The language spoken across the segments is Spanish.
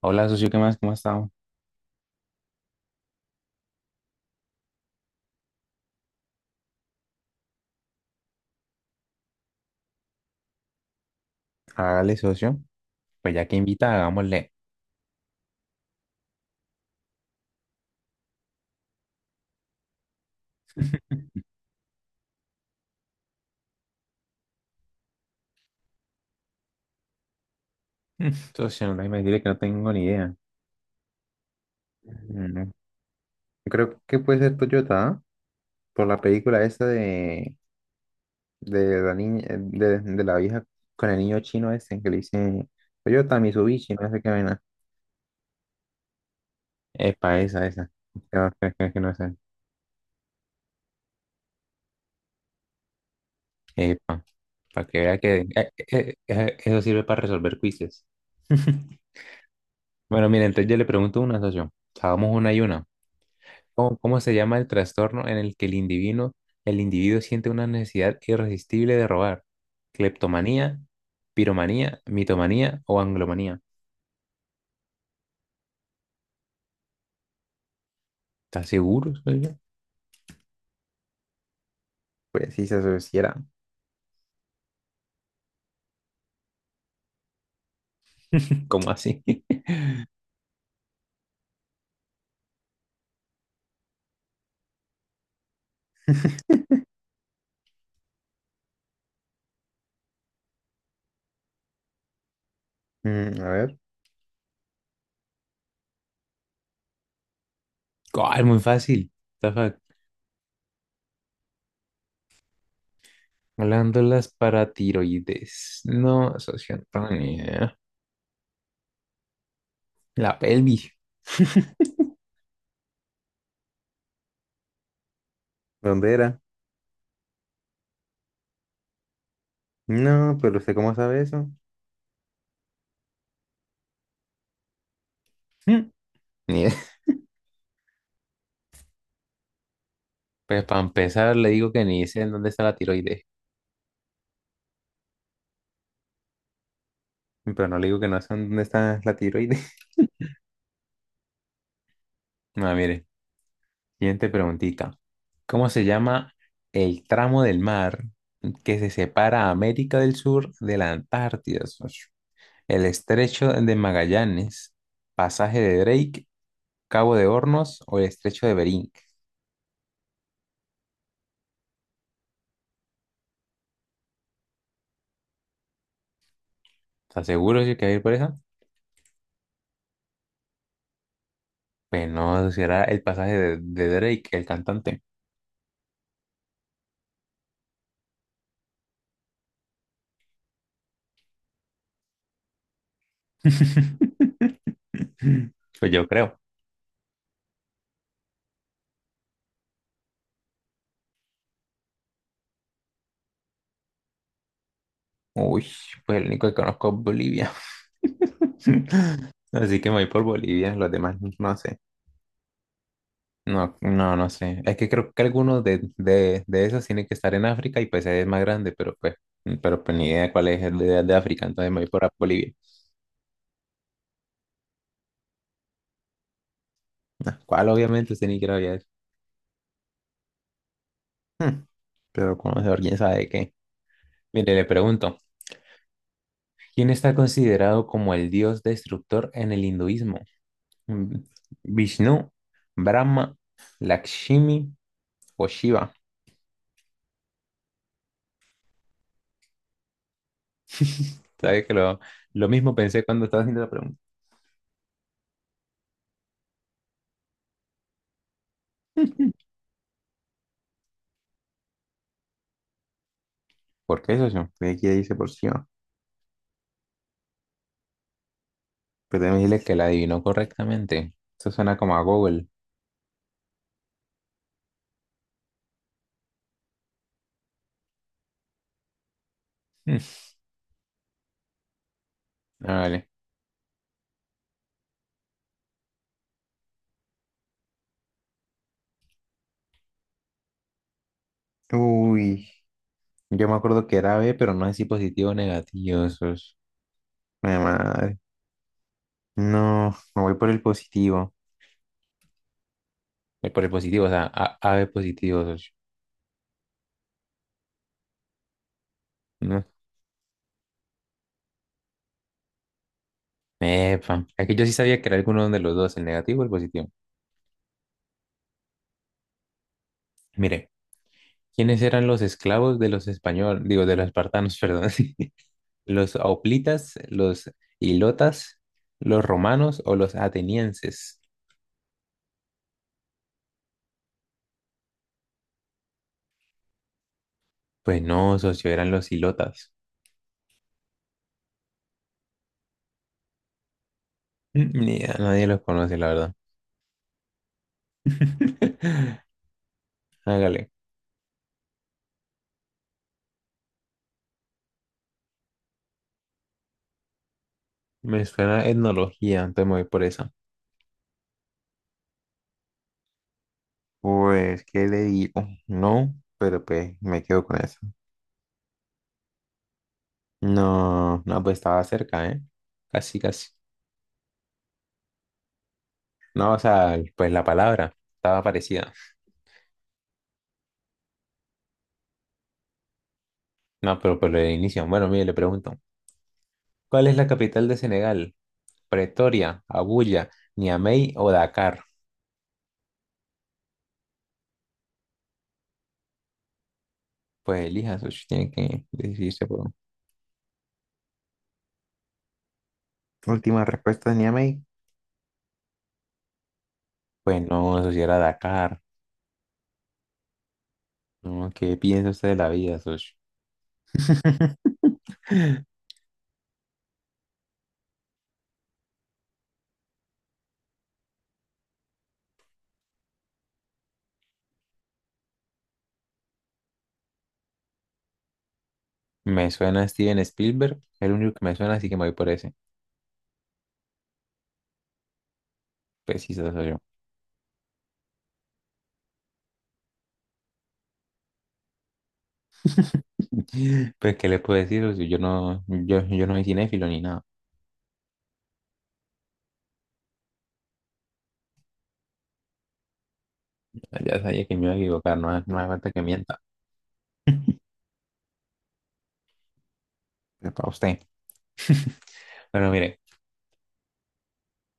Hola, socio, ¿qué más? ¿Cómo ha estado? Hágale, socio. Pues ya que invita, hagámosle. Mm, socio, no me diré que no tengo ni idea. Mm, Yo creo que puede ser Toyota, ¿ah? Por la película esa de la niña, de la vieja con el niño chino ese que le dice Toyota, Mitsubishi, no sé qué vaina. Epa, esa, esa. No, que no sé. Epa, para que vea que eso sirve para resolver quizzes. Bueno, mire, entonces yo le pregunto una, socio. Hagamos una y una. ¿Cómo se llama el trastorno en el que el individuo siente una necesidad irresistible de robar? ¿Cleptomanía, piromanía, mitomanía o anglomanía? ¿Estás seguro? ¿Soy yo? Pues sí se asociará. ¿Cómo así? Mm, a ver. Ah, es muy fácil. What the fuck. Glándulas paratiroides. No, socio, no tengo ni idea. La pelvis. ¿Dónde era? No, pero ¿usted cómo sabe eso? Mm. Ni idea. Pues para empezar, le digo que ni sé en dónde está la tiroides, pero no le digo que no sé en dónde está la tiroides. No, mire, siguiente preguntita. ¿Cómo se llama el tramo del mar que se separa a América del Sur de la Antártida, socio? ¿El estrecho de Magallanes, pasaje de Drake, Cabo de Hornos o el estrecho de Bering? ¿Estás seguro, socio, que va a ir por esa? Pues no, será el pasaje de Drake, el cantante. Pues yo creo. Uy, pues el único que conozco es Bolivia. Así que me voy por Bolivia, los demás no sé. No, no, no sé. Es que creo que algunos de esos tienen que estar en África y pues es más grande, pero pues ni idea cuál es el de África, entonces me voy por Bolivia. Ah, ¿cuál? Obviamente usted ni quiere había. Hmm, pero conocedor, quién sabe de qué. Mire, le pregunto, ¿quién está considerado como el dios destructor en el hinduismo? Mm, ¿Vishnu, Brahma, Lakshmi o Shiva? Sabes que lo mismo pensé cuando estaba haciendo la pregunta. ¿Por qué, socio? ¿Qué quiere dice por sí? Pero déjame decirle que la adivinó correctamente. Eso suena como a Google. Mm, ah, vale. Uy, yo me acuerdo que era B, pero no sé si positivo o negativo, socio. Ay, madre. No, me voy por el positivo. Voy por el positivo, o sea, A, AB positivo, socio. No. Epa. Aquí yo sí sabía que era alguno de los dos, el negativo o el positivo. Mire, ¿quiénes eran los esclavos de los españoles? Digo, de los espartanos, perdón. ¿Sí? Los hoplitas, los ilotas, los romanos o los atenienses. Pues no, socio, eran los ilotas. Ni a nadie los conoce, la verdad. Hágale. Me suena etnología, entonces me voy por esa. Pues, ¿qué le digo? No, pero pues me quedo con eso. No, no, pues estaba cerca, ¿eh? Casi, casi. No, o sea, pues la palabra estaba parecida. No, pero por el inicio. Bueno, mire, le pregunto. ¿Cuál es la capital de Senegal? Pretoria, Abuya, Niamey o Dakar. Pues elija, socio, tiene que decidirse por última respuesta de Niamey. Pues no, socio, era Dakar. No, ¿qué piensa usted de la vida, socio? Me suena Steven Spielberg, es el único que me suena, así que me voy por ese. Pues sí, eso soy yo. Pues, ¿qué le puedo decir, socio? Yo no soy cinéfilo ni nada. Ya sabía que me iba a equivocar, no, no hace falta que mienta. Es para usted. Bueno, mire.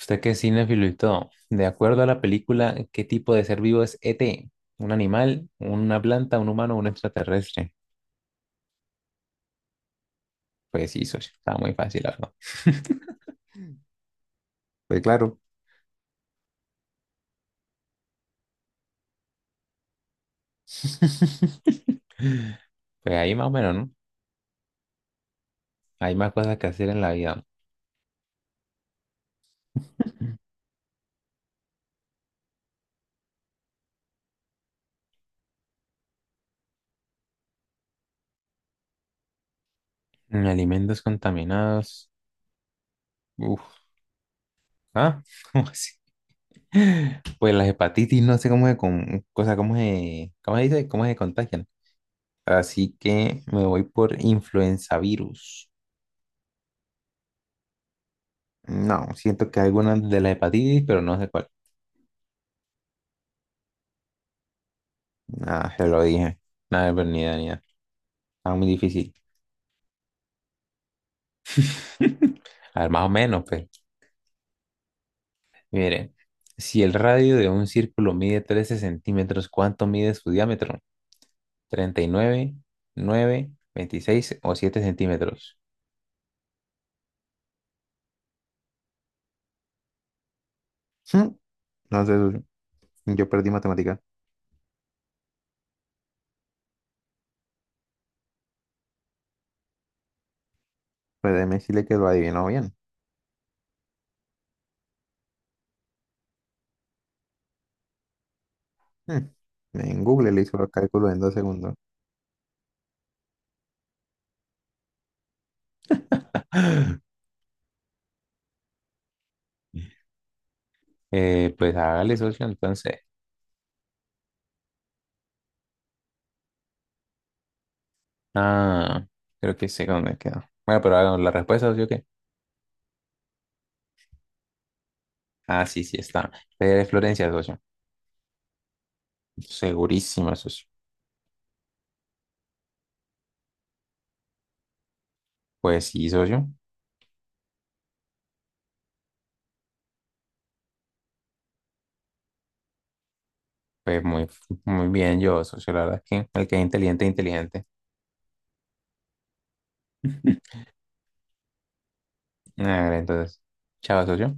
Usted que es cinéfilo y todo, de acuerdo a la película, ¿qué tipo de ser vivo es ET? ¿Un animal, una planta, un humano, un extraterrestre? Pues sí, socio, estaba muy fácil, la verdad. Pues claro. Pues ahí más o menos, ¿no? Hay más cosas que hacer en la vida. Mm, alimentos contaminados. Uf, ¿ah? ¿Cómo así? Pues las hepatitis, no sé cómo se dice, cómo se contagian. Así que me voy por influenza virus. No, siento que alguna de la hepatitis, pero no sé cuál. Ah, se lo dije. Nada, pero ni idea, ni idea. Está muy difícil. A ver, más o menos, pues. Mire, si el radio de un círculo mide 13 centímetros, ¿cuánto mide su diámetro? ¿39, 9, 26 o 7 centímetros? Hmm, no sé, socio, yo perdí matemática. Pero déjeme decirle que lo adivinó bien. Hmm, en Google le hizo los cálculos en 2 segundos. Pues hágale, socio, entonces. Ah, creo que sé dónde quedó. Bueno, pero hagamos la respuesta, socio, ¿qué? Ah, sí, sí, está. Fue de Florencia, socio. Segurísima, socio. Pues sí, socio. Pues muy, muy bien yo, socio. La verdad es que el que es inteligente, inteligente. A ver, entonces. Chao, socio.